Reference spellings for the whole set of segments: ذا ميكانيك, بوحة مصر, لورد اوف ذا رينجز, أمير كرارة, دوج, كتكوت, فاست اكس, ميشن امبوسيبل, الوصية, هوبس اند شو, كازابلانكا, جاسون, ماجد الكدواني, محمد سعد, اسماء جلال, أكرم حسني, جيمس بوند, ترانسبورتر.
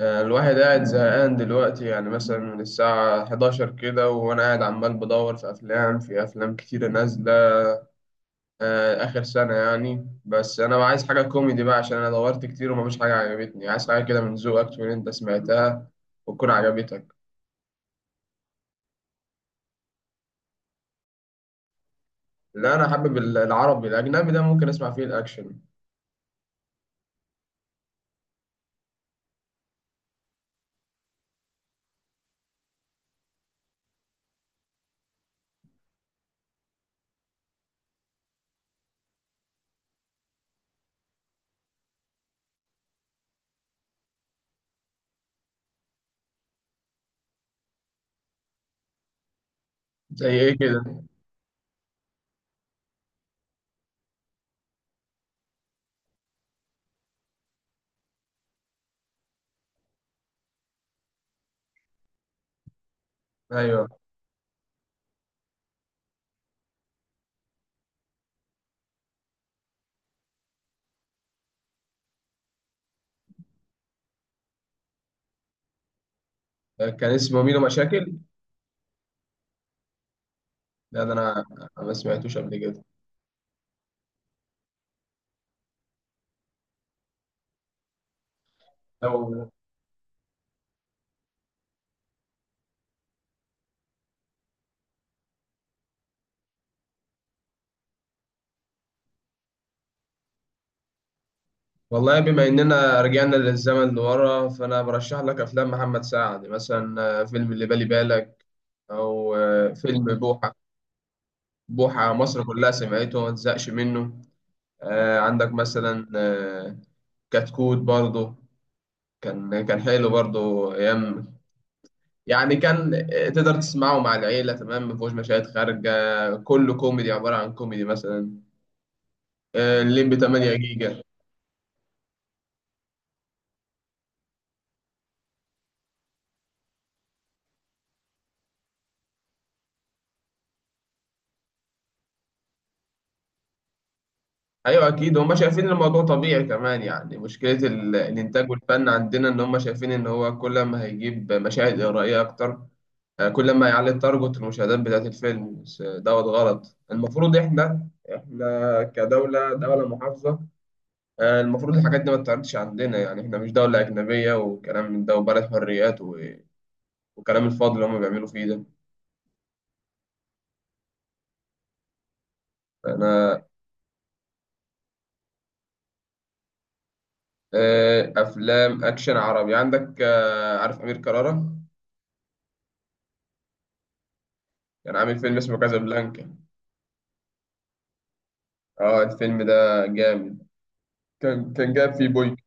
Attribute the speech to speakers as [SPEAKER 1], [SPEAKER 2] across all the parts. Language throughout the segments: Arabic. [SPEAKER 1] الواحد قاعد زهقان دلوقتي يعني مثلا من الساعة 11 كده، وأنا قاعد عمال بدور في أفلام كتيرة نازلة آخر سنة يعني. بس أنا عايز حاجة كوميدي بقى، عشان أنا دورت كتير ومفيش حاجة عجبتني. عايز حاجة كده من ذوقك تكون أنت سمعتها وتكون عجبتك. لا أنا حابب العربي، الأجنبي ده ممكن أسمع فيه الأكشن. زي إيه كده؟ أيوه، كان اسمه ميدو مشاكل. لا ده أنا ما سمعتوش قبل كده. والله بما إننا رجعنا للزمن لورا، فأنا برشح لك أفلام محمد سعد مثلا، فيلم اللي بالي بالك أو فيلم بوحة. بوحة مصر كلها سمعته وما تزهقش منه. عندك مثلا كتكوت برضه، كان حلو برضه أيام. يعني كان، تقدر تسمعه مع العيلة تمام، مفيهوش مشاهد خارجة. كله كوميدي، عبارة عن كوميدي. مثلا الليمبي 8 جيجا. ايوه اكيد هم شايفين الموضوع طبيعي كمان. يعني مشكله الانتاج والفن عندنا ان هم شايفين ان هو كل ما هيجيب مشاهد اغرائيه اكتر، كل ما هيعلي التارجت، المشاهدات بتاعت الفيلم. بس دوت غلط، المفروض احنا، احنا كدوله محافظه. المفروض الحاجات دي ما تتعرضش عندنا. يعني احنا مش دوله اجنبيه وكلام من ده وبلد حريات وكلام الفاضي اللي هم بيعملوا فيه ده. انا، افلام اكشن عربي عندك، عارف امير كرارة؟ كان عامل فيلم اسمه كازابلانكا. اه الفيلم ده جامد، كان جاب فيه بويك.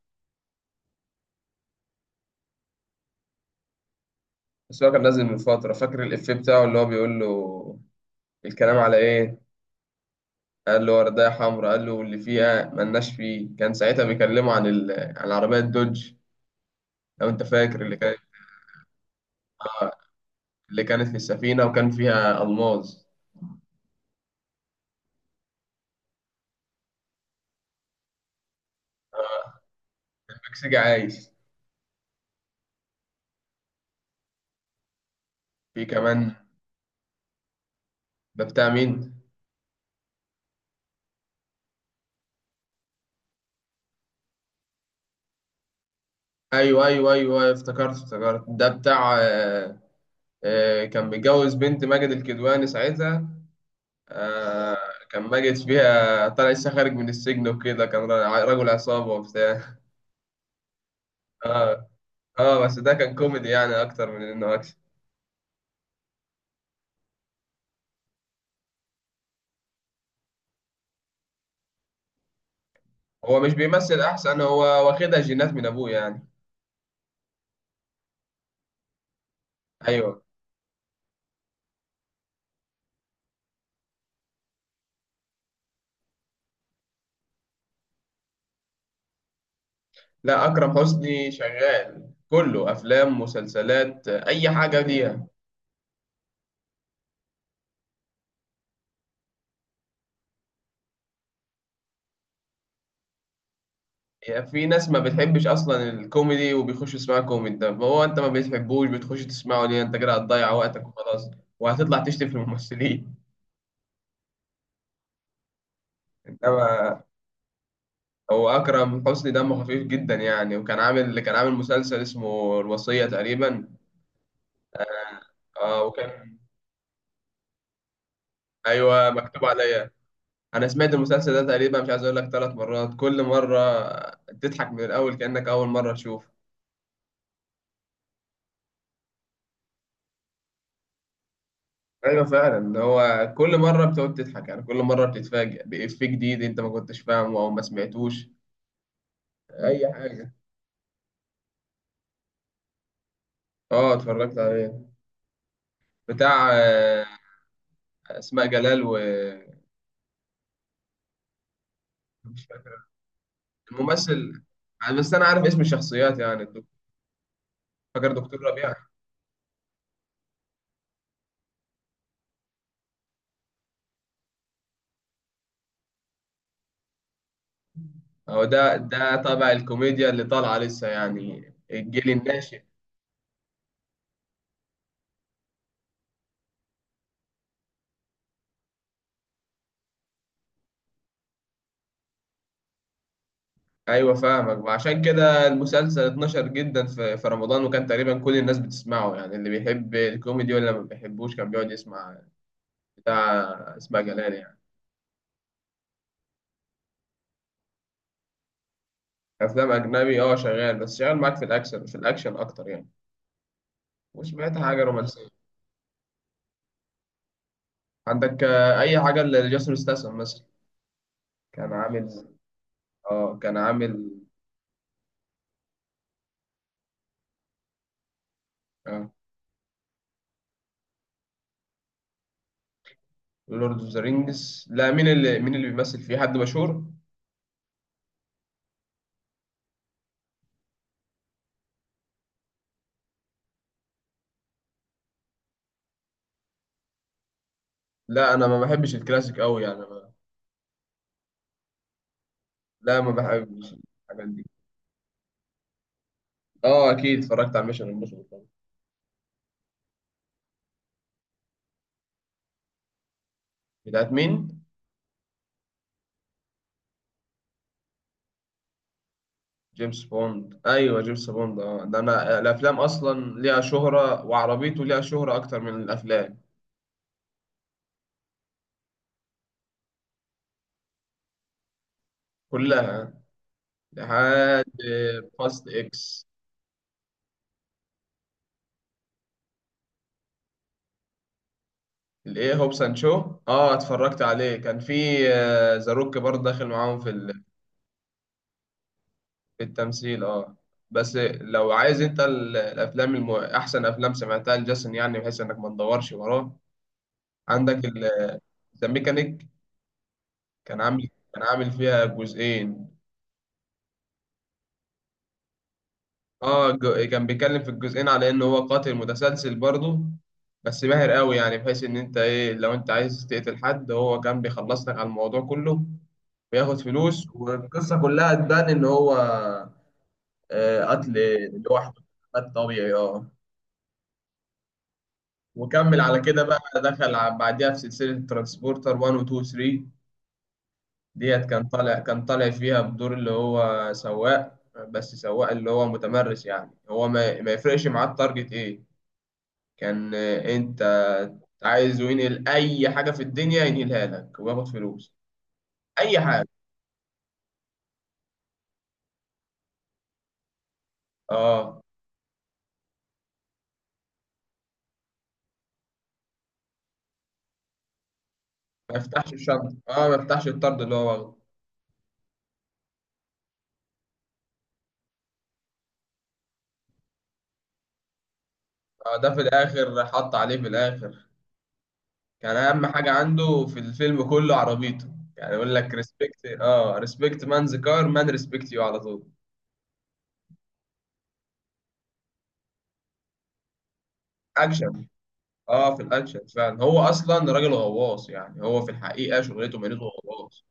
[SPEAKER 1] بس هو كان نازل من فترة. فاكر الإفيه بتاعه اللي هو بيقول له، الكلام على إيه؟ قال له وردية حمراء، قال له اللي فيها ملناش فيه. كان ساعتها بيكلمه عن عن عربية دوج، لو أنت فاكر. اللي كانت، اللي كانت في السفينة وكان فيها ألماظ. مكسيكي عايش. في كمان، ده بتاع مين؟ أيوه أيوه أيوه أيوه، افتكرت افتكرت. ده بتاع كان متجوز بنت ماجد الكدواني ساعتها. آه، كان ماجد فيها طلع لسه خارج من السجن وكده، كان رجل عصابة وبتاع. اه. اه بس ده كان كوميدي يعني اكتر من انه اكشن. هو مش بيمثل احسن، هو واخدها جينات من ابوه يعني. ايوه. لا اكرم حسني شغال كله، افلام، مسلسلات، اي حاجه ليها. يعني في ناس ما بتحبش اصلا الكوميدي وبيخش يسمعوا كوميدي. طب هو انت ما بتحبوش بتخش تسمعه ليه؟ انت كده هتضيع وقتك وخلاص، وهتطلع تشتم في الممثلين. انما هو أكرم حسني دمه خفيف جدا يعني. وكان عامل، كان عامل مسلسل اسمه الوصية تقريبا. اه وكان، ايوه مكتوب عليا. انا سمعت المسلسل ده تقريبا، مش عايز اقول لك، 3 مرات، كل مرة تضحك من الاول كأنك اول مرة تشوف. ايوه فعلا، هو كل مرة بتقعد تضحك يعني. كل مرة بتتفاجئ بإفيه جديد انت ما كنتش فاهمه او ما سمعتوش. اي حاجة. اه اتفرجت عليه، بتاع اسماء جلال و، مش فاكر الممثل. بس انا عارف اسم الشخصيات يعني. فاكر دكتور ربيع. هو ده، ده طبع الكوميديا اللي طالعه لسه يعني، الجيل الناشئ. ايوه فاهمك. وعشان كده المسلسل اتنشر جدا في، في رمضان. وكان تقريبا كل الناس بتسمعه، يعني اللي بيحب الكوميدي ولا ما بيحبوش كان بيقعد يسمع بتاع اسماء جلال يعني. افلام اجنبي، اه شغال. بس شغال معاك في الاكشن، في الاكشن اكتر يعني. وسمعت حاجه رومانسيه. عندك اي حاجه لجاسر استسلم مثلا، كان عامل. اه كان عامل. أه لورد اوف ذا رينجز؟ لا، مين اللي، مين اللي بيمثل فيه، حد مشهور؟ لا انا ما بحبش الكلاسيك قوي يعني ما. لا ما بحبش الحاجات دي. اه اكيد اتفرجت على ميشن امبوسيبل طبعا. بتاعت مين؟ جيمس بوند؟ ايوه جيمس بوند، اه ده انا الافلام اصلا ليها شهرة، وعربيته ليها شهرة اكتر من الافلام. كلها لحد فاست اكس. الايه، هوبس اند شو؟ اه اتفرجت عليه، كان في ذا روك برضه داخل معاهم في، في التمثيل اه. بس لو عايز انت الافلام احسن افلام سمعتها لجاسون يعني، بحيث انك ما تدورش وراه، عندك ذا ميكانيك. كان عامل، كان عامل فيها جزئين. اه كان بيتكلم في الجزئين على انه هو قاتل متسلسل برضه، بس ماهر قوي. يعني بحيث ان انت ايه، لو انت عايز تقتل حد هو كان بيخلص لك على الموضوع كله. بياخد فلوس، والقصة كلها تبان ان هو، قتل لوحده. قتل طبيعي اه. وكمل على كده بقى، دخل بعديها في سلسلة ترانسبورتر 1 و 2 و 3. ديت كان طالع، كان طالع فيها بدور اللي هو سواق. بس سواق اللي هو متمرس يعني، هو ما يفرقش معاه التارجت ايه. كان انت عايز ينقل اي حاجة في الدنيا ينقلها لك وياخد فلوس. اي حاجة، اه ما يفتحش الشنطة، اه ما يفتحش الطرد اللي هو واخده. ده في الاخر حط عليه في الاخر. كان اهم حاجه عنده في الفيلم كله عربيته، يعني يقول لك ريسبكت، اه ريسبكت مان، ذا كار مان، ريسبكت يو على طول. اكشن، اه في الاكشن فعلا. هو اصلا راجل غواص يعني، هو في الحقيقه شغلته، مهنته غواص.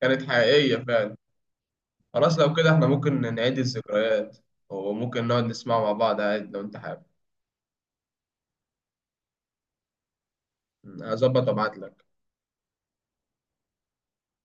[SPEAKER 1] كانت حقيقيه فعلا. خلاص لو كده احنا ممكن نعيد الذكريات، وممكن نقعد نسمعه مع بعض عادي لو انت حابب. هظبط وابعت لك.